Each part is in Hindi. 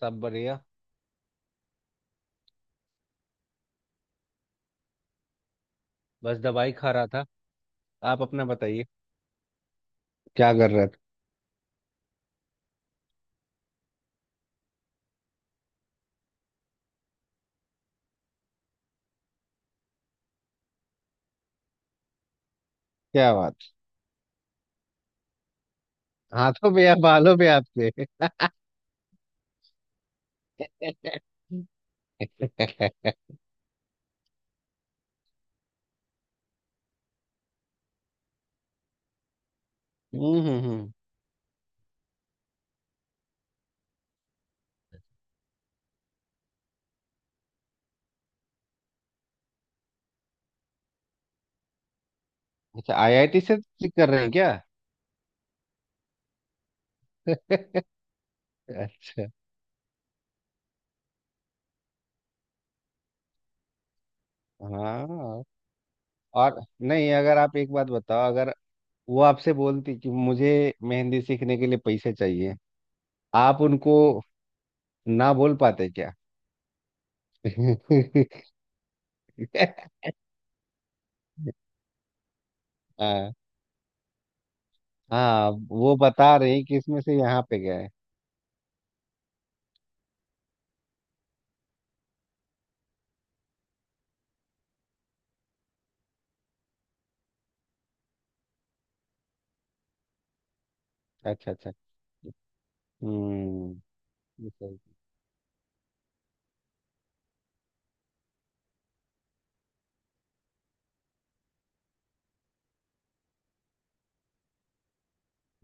सब बढ़िया। बस दवाई खा रहा था। आप अपना बताइए, क्या कर रहे थे? क्या बात। हाथों पे या बालों पे आपके? हम्म हम्म हम्म। अच्छा, आईआईटी से क्लिक कर रहे हैं क्या? अच्छा। हाँ। और नहीं, अगर आप एक बात बताओ, अगर वो आपसे बोलती कि मुझे मेहंदी सीखने के लिए पैसे चाहिए, आप उनको ना बोल पाते क्या? हाँ। हाँ, वो बता रही कि इसमें से यहाँ पे गए। अच्छा अच्छा। हम्म।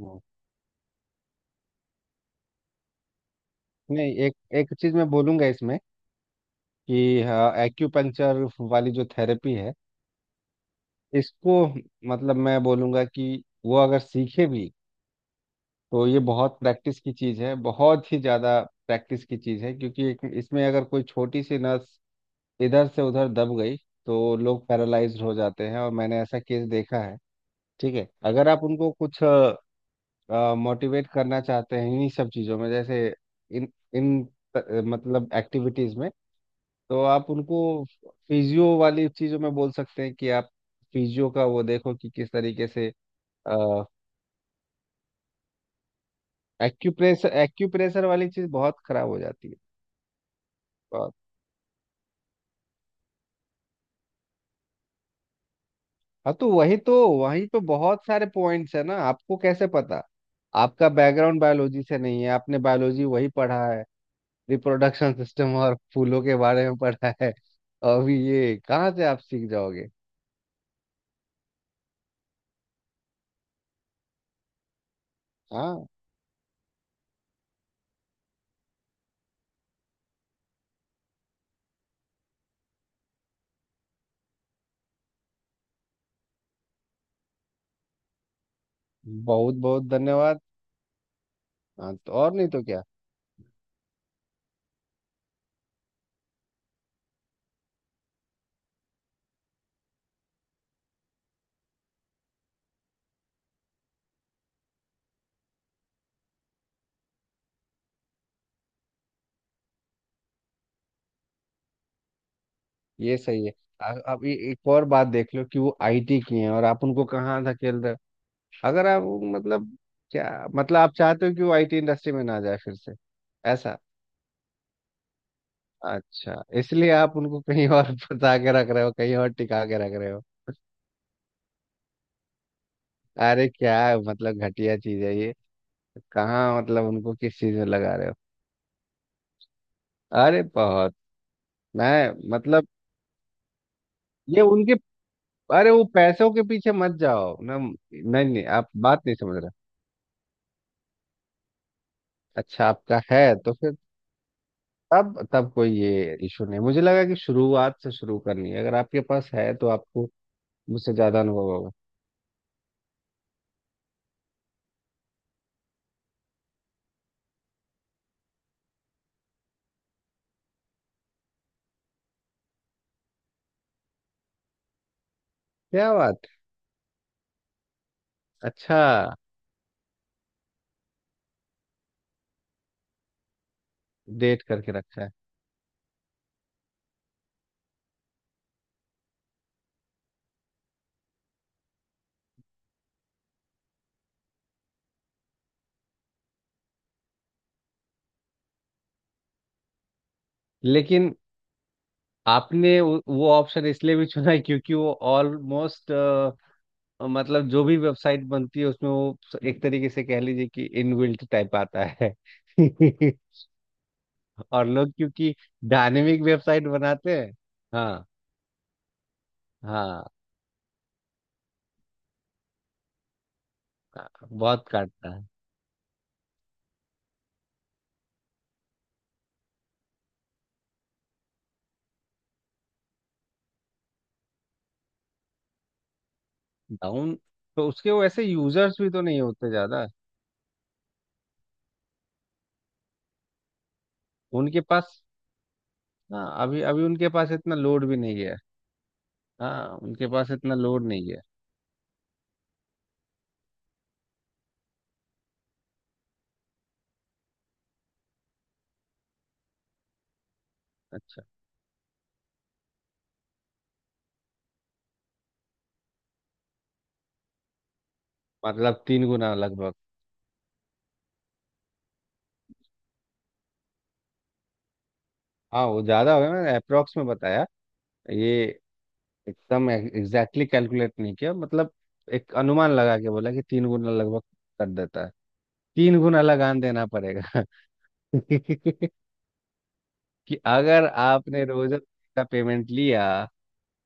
हाँ। नहीं, एक एक चीज मैं बोलूंगा इसमें कि हाँ, एक्यूपंक्चर वाली जो थेरेपी है, इसको मतलब मैं बोलूंगा कि वो अगर सीखे भी तो ये बहुत प्रैक्टिस की चीज है, बहुत ही ज्यादा प्रैक्टिस की चीज है क्योंकि इसमें अगर कोई छोटी सी नस इधर से उधर दब गई तो लोग पैरालाइज्ड हो जाते हैं और मैंने ऐसा केस देखा है। ठीक है, अगर आप उनको कुछ मोटिवेट करना चाहते हैं इन्हीं सब चीजों में, जैसे इन इन त- मतलब एक्टिविटीज में, तो आप उनको फिजियो वाली चीजों में बोल सकते हैं कि आप फिजियो का वो देखो कि किस तरीके से अ, एक्यूप्रेशर एक्यूप्रेशर वाली चीज बहुत खराब हो जाती है। बहुत। हाँ, तो वही तो वहीं पे बहुत सारे पॉइंट्स है ना, आपको कैसे पता? आपका बैकग्राउंड बायोलॉजी से नहीं है, आपने बायोलॉजी वही पढ़ा है, रिप्रोडक्शन सिस्टम और फूलों के बारे में पढ़ा है। अभी ये कहाँ से आप सीख जाओगे? हाँ। बहुत बहुत धन्यवाद। हाँ, तो और नहीं तो क्या। ये सही है। अब ये एक और बात देख लो कि वो आईटी की हैं और आप उनको कहाँ धकेल रहे हो? अगर आप वो मतलब, क्या मतलब, आप चाहते हो कि वो आईटी इंडस्ट्री में ना जाए फिर से? ऐसा? अच्छा, इसलिए आप उनको कहीं और फंसा के रख रहे हो, कहीं और टिका के रख रहे हो। अरे क्या है, मतलब घटिया चीज है ये। कहाँ मतलब उनको किस चीज में लगा रहे हो? अरे बहुत। मैं मतलब। ये उनके। अरे वो पैसों के पीछे मत जाओ ना। नहीं नहीं, आप बात नहीं समझ रहे। अच्छा, आपका है तो फिर तब तब कोई ये इशू नहीं मुझे लगा कि शुरुआत से शुरू करनी है, अगर आपके पास है तो आपको मुझसे ज्यादा अनुभव होगा। क्या बात। अच्छा, डेट करके रखा है। लेकिन आपने वो ऑप्शन इसलिए भी चुना है क्योंकि वो ऑलमोस्ट, मतलब जो भी वेबसाइट बनती है उसमें वो एक तरीके से कह लीजिए कि इनबिल्ट टाइप आता है। और लोग क्योंकि डायनेमिक वेबसाइट बनाते हैं। हाँ हाँ। बहुत काटता है। डाउन तो उसके वैसे यूजर्स भी तो नहीं होते ज्यादा। उनके पास। हाँ, अभी अभी उनके पास इतना लोड भी नहीं है। हाँ, उनके पास इतना लोड नहीं है। अच्छा। मतलब तीन गुना लगभग। हाँ, वो ज्यादा हो गया, मैंने अप्रोक्स में बताया। ये एकदम एग्जैक्टली कैलकुलेट नहीं किया, मतलब एक अनुमान लगा के बोला कि तीन गुना लगभग कर देता है। तीन गुना लगान देना पड़ेगा। कि अगर आपने रोज का पेमेंट लिया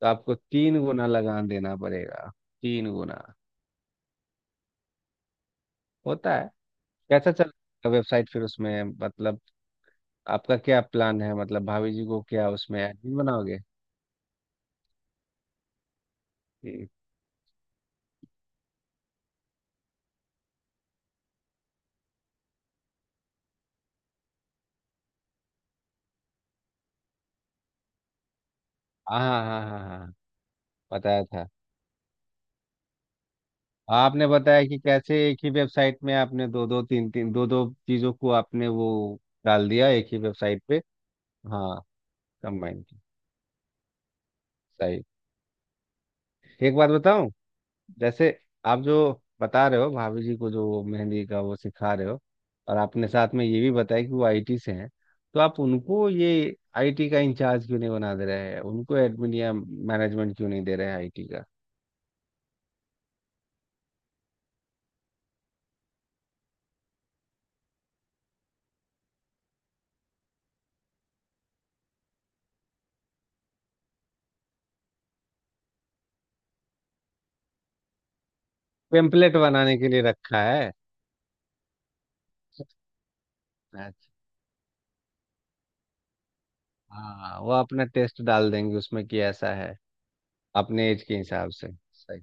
तो आपको तीन गुना लगान देना पड़ेगा। तीन गुना होता है। कैसा चल रहा है वेबसाइट, फिर उसमें मतलब आपका क्या प्लान है? मतलब भाभी जी को क्या उसमें एडमिन बनाओगे? ठीक। हाँ हाँ हाँ हाँ हाँ हाँ, बताया था। आपने बताया कि कैसे एक ही वेबसाइट में आपने दो दो तीन तीन दो दो चीजों को आपने वो डाल दिया, एक ही वेबसाइट पे। हाँ, कंबाइन की। सही। एक बात बताऊं। जैसे आप जो बता रहे हो, भाभी जी को जो मेहंदी का वो सिखा रहे हो, और आपने साथ में ये भी बताया कि वो आईटी से हैं, तो आप उनको ये आईटी का इंचार्ज क्यों नहीं बना दे रहे हैं? उनको एडमिन या मैनेजमेंट क्यों नहीं दे रहे हैं आईटी का? पेम्पलेट बनाने के लिए रखा है। अच्छा। हाँ, वो अपना टेस्ट डाल देंगे उसमें, कि ऐसा है। अपने एज के हिसाब से। सही।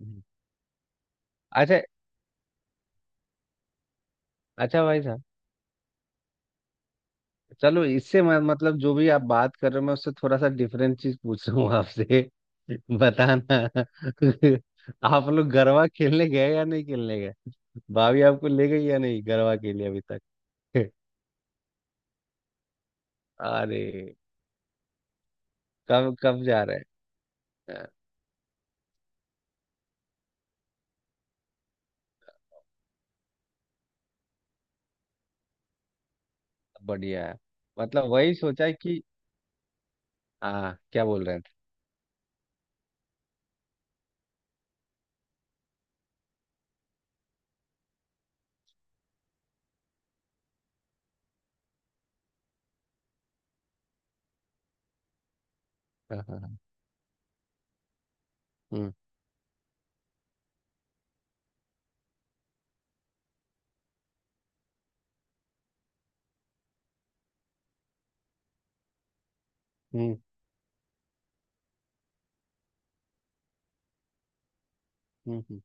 हम्म। अच्छा अच्छा, भाई साहब, चलो इससे मैं मतलब जो भी आप बात कर रहे हो, मैं उससे थोड़ा सा डिफरेंट चीज पूछ रहा हूँ आपसे। बताना। आप लोग गरबा खेलने गए या नहीं खेलने गए? भाभी आपको ले गई या नहीं गरबा के लिए अभी तक? अरे। कब कब जा रहे हैं? हाँ। बढ़िया है। मतलब वही सोचा कि हाँ, क्या बोल रहे थे? हाँ, हाँ, हाँ। हम्म हम्म हम्म हम्म।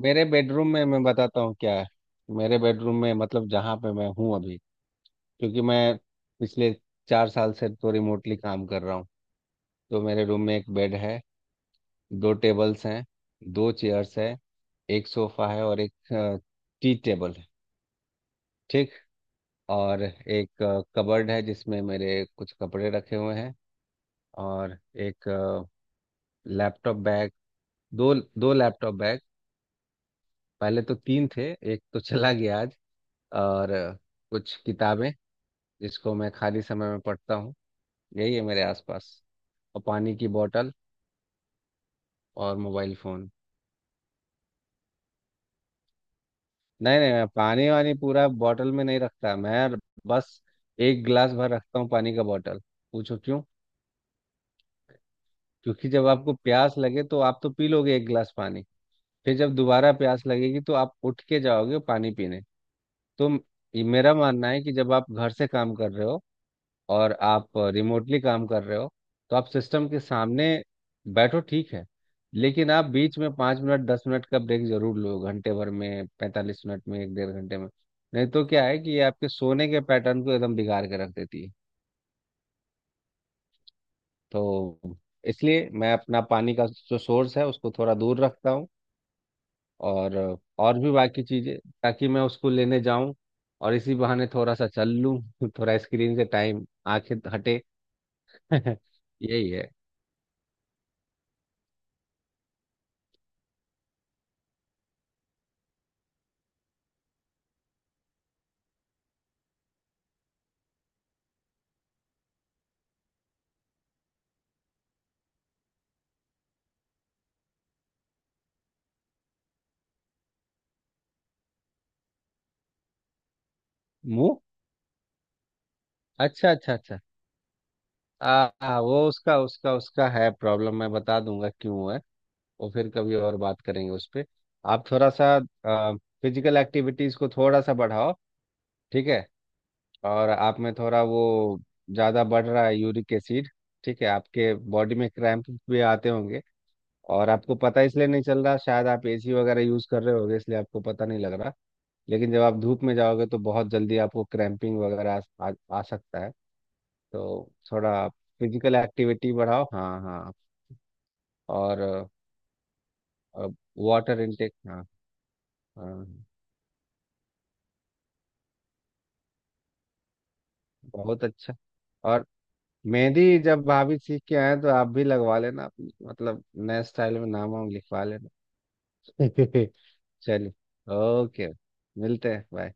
मेरे बेडरूम में मैं बताता हूँ क्या है। मेरे बेडरूम में, मतलब जहाँ पे मैं हूँ अभी, क्योंकि मैं पिछले 4 साल से तो रिमोटली काम कर रहा हूँ, तो मेरे रूम में एक बेड है, दो टेबल्स हैं, दो चेयर्स हैं, एक सोफा है और एक टी टेबल है। ठीक। और एक कबर्ड है जिसमें मेरे कुछ कपड़े रखे हुए हैं। और एक लैपटॉप बैग, दो दो लैपटॉप बैग। पहले तो तीन थे, एक तो चला गया आज। और कुछ किताबें जिसको मैं खाली समय में पढ़ता हूँ। यही है मेरे आसपास, और पानी की बोतल और मोबाइल फ़ोन। नहीं नहीं, मैं पानी वानी पूरा बॉटल में नहीं रखता। मैं बस एक गिलास भर रखता हूँ पानी का, बॉटल। पूछो क्यों। क्योंकि जब आपको प्यास लगे तो आप तो पी लोगे एक गिलास पानी। फिर जब दोबारा प्यास लगेगी तो आप उठ के जाओगे पानी पीने। तो ये मेरा मानना है कि जब आप घर से काम कर रहे हो और आप रिमोटली काम कर रहे हो तो आप सिस्टम के सामने बैठो, ठीक है, लेकिन आप बीच में 5 मिनट 10 मिनट का ब्रेक जरूर लो, घंटे भर में, 45 मिनट में, एक 1.5 घंटे में। नहीं तो क्या है कि ये आपके सोने के पैटर्न को एकदम बिगाड़ के रख देती है। तो इसलिए मैं अपना पानी का जो सोर्स है उसको थोड़ा दूर रखता हूँ, और और भी बाकी चीज़ें, ताकि मैं उसको लेने जाऊं और इसी बहाने थोड़ा सा चल लूं। थोड़ा स्क्रीन से टाइम आंखें हटे। यही है। मुंह। अच्छा अच्छा अच्छा। आ, आ, वो उसका उसका उसका है प्रॉब्लम, मैं बता दूंगा क्यों है। वो फिर कभी और बात करेंगे उस पे। आप थोड़ा सा फिजिकल एक्टिविटीज को थोड़ा सा बढ़ाओ, ठीक है? और आप में थोड़ा वो ज़्यादा बढ़ रहा है, यूरिक एसिड। ठीक है, आपके बॉडी में क्रैम्प भी आते होंगे, और आपको पता इसलिए नहीं चल रहा, शायद आप एसी वगैरह यूज़ कर रहे होगे इसलिए आपको पता नहीं लग रहा। लेकिन जब आप धूप में जाओगे तो बहुत जल्दी आपको क्रैम्पिंग वगैरह आ सकता है। तो थोड़ा फिजिकल एक्टिविटी बढ़ाओ। हाँ हाँ। और वाटर इनटेक। हाँ हाँ। बहुत अच्छा। और मेहंदी जब भाभी सीख के आए तो आप भी लगवा लेना मतलब नए स्टाइल में नाम वाम लिखवा लेना। चलिए। ओके। मिलते हैं। बाय।